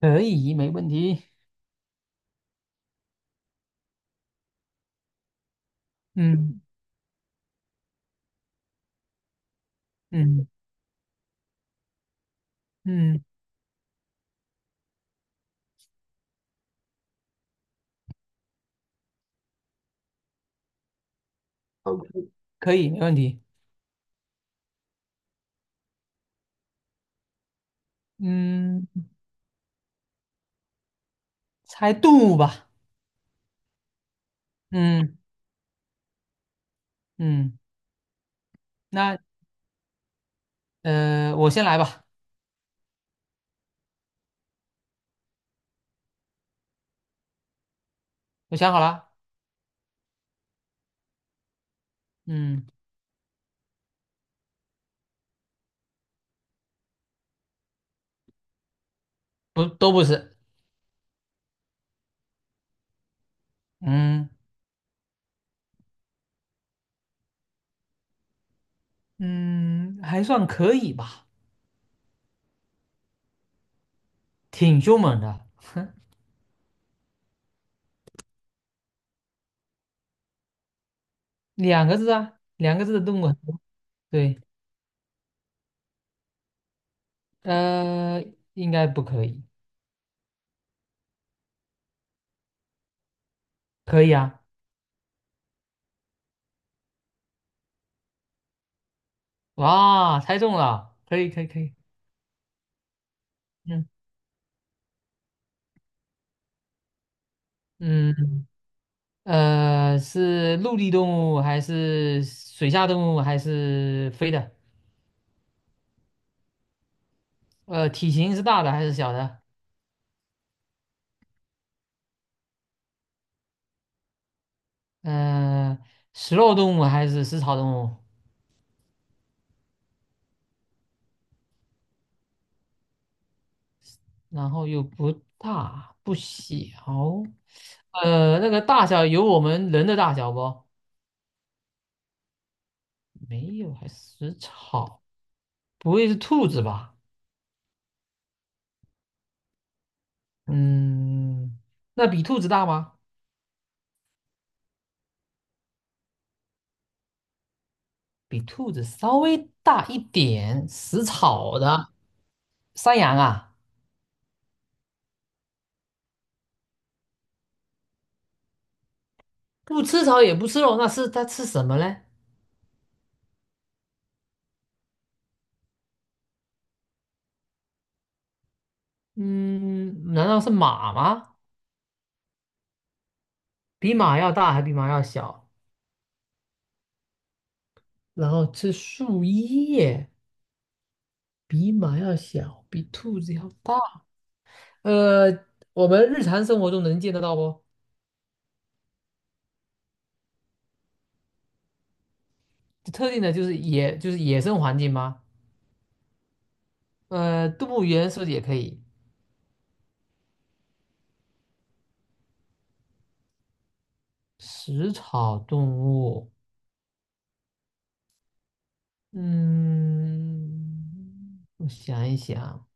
可以，没问题。嗯嗯嗯，OK,可以，没问题。嗯，猜动物吧。嗯嗯，那我先来吧。我想好了。嗯，不，都不是。嗯，嗯，还算可以吧，挺凶猛的。两个字啊，两个字的动物很多。对，呃，应该不可以。可以啊。哇，猜中了，可以可以可以。嗯。嗯是陆地动物还是水下动物还是飞的？体型是大的还是小的？呃，食肉动物还是食草动物？然后又不大不小，那个大小有我们人的大小不？没有，还食草，不会是兔子吧？嗯，那比兔子大吗？比兔子稍微大一点，食草的山羊啊。不吃草也不吃肉，那是它吃什么嘞？嗯，难道是马吗？比马要大还比马要小？然后吃树叶，比马要小，比兔子要大。呃，我们日常生活中能见得到不？特定的就是野，就是野生环境吗？动物园是不是也可以？食草动物，嗯，我想一想，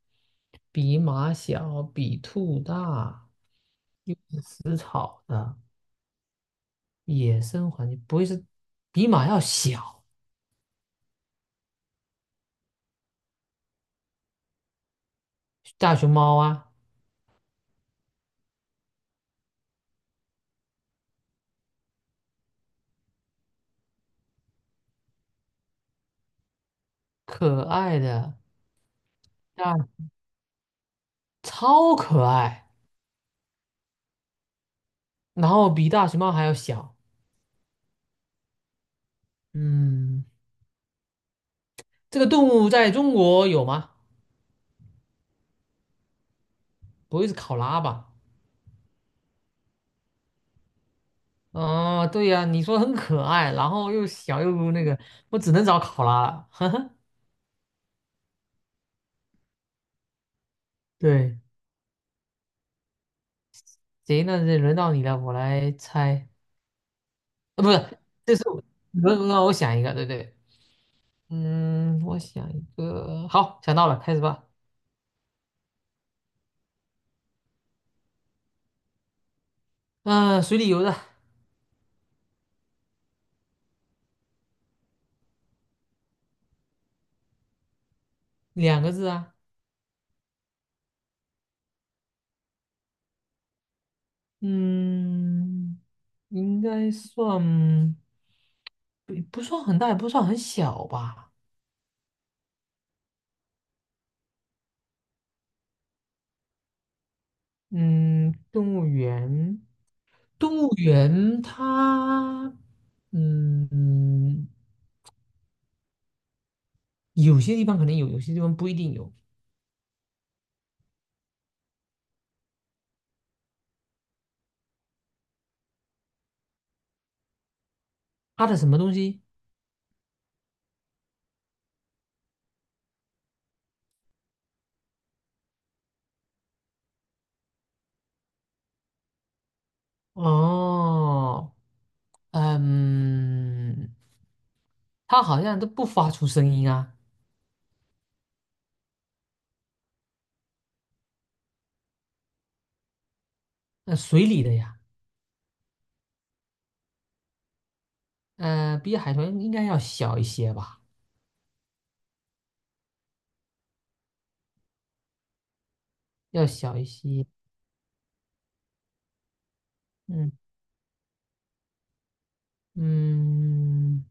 比马小，比兔大，又是食草的。野生环境不会是比马要小，大熊猫啊，可爱的，大，超可爱，然后比大熊猫还要小。嗯，这个动物在中国有吗？不会是考拉吧？啊，对呀，你说很可爱，然后又小又那个，我只能找考拉了。呵呵，对，行，那就轮到你了，我来猜。啊，不是，这是我轮到我想一个，对对，嗯，我想一个，好，想到了，开始吧。嗯、水里游的。两个字啊，嗯，应该算不算很大，也不算很小吧。嗯，动物园，动物园它，嗯，有些地方可能有，有些地方不一定有。它的什么东西？哦，嗯，它好像都不发出声音啊。那、水里的呀，比海豚应该要小一些吧，要小一些。嗯。嗯，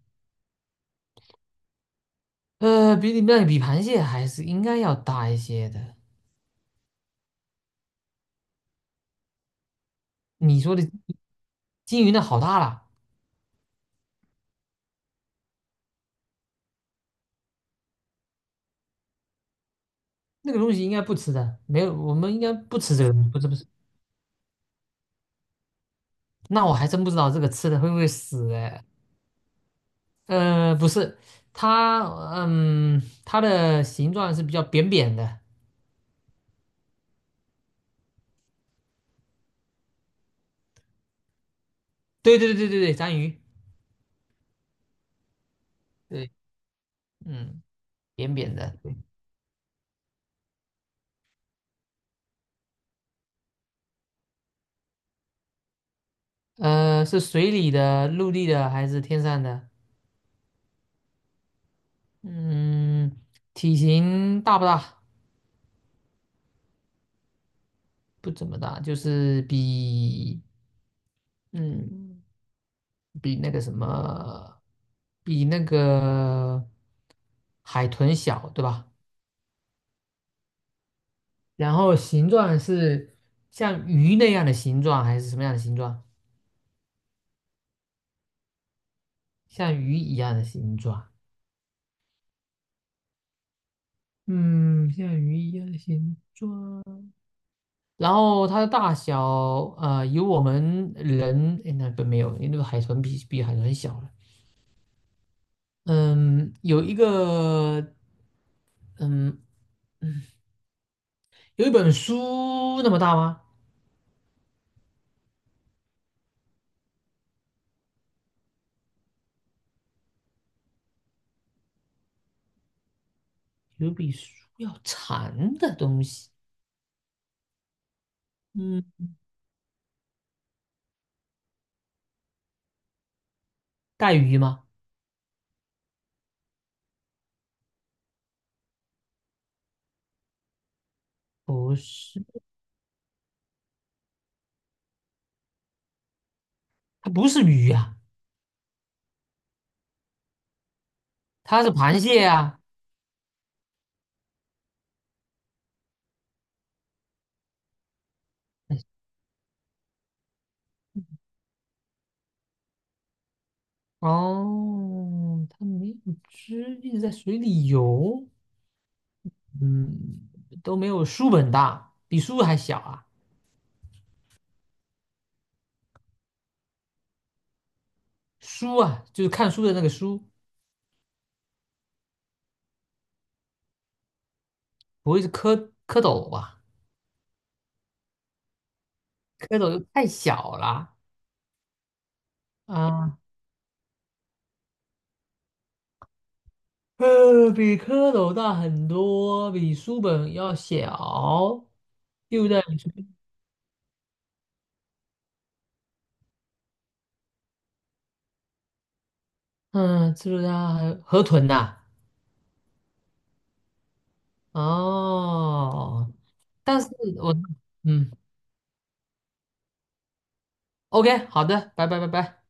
比你那比螃蟹还是应该要大一些的。你说的金鱼那好大了，那个东西应该不吃的，没有，我们应该不吃这个东西，不是不是。那我还真不知道这个吃的会不会死哎。不是，它，嗯，它的形状是比较扁扁的。对对对对对对，章鱼，对，嗯，扁扁的。是水里的、陆地的还是天上的？嗯，体型大不大？不怎么大，就是比嗯比那个什么比那个海豚小，对吧？然后形状是像鱼那样的形状，还是什么样的形状？像鱼一样的形状，嗯，像鱼一样的形状。然后它的大小，有我们人，诶那不没有，因为那个海豚比海豚小了。嗯，有一个，嗯。有一本书那么大吗？有比书要长的东西，嗯，带鱼吗？不是，它不是鱼啊，它是螃蟹啊。哎，哦，它没有汁，一直在水里游，嗯，都没有书本大，比书还小啊。书啊，就是看书的那个书，不会是蝌蝌蚪吧？蝌蚪又太小了啊。比蝌蚪大很多，比书本要小，又在比书。嗯，是道它还河豚呐、哦，但是我。嗯，OK,好的，拜拜拜拜。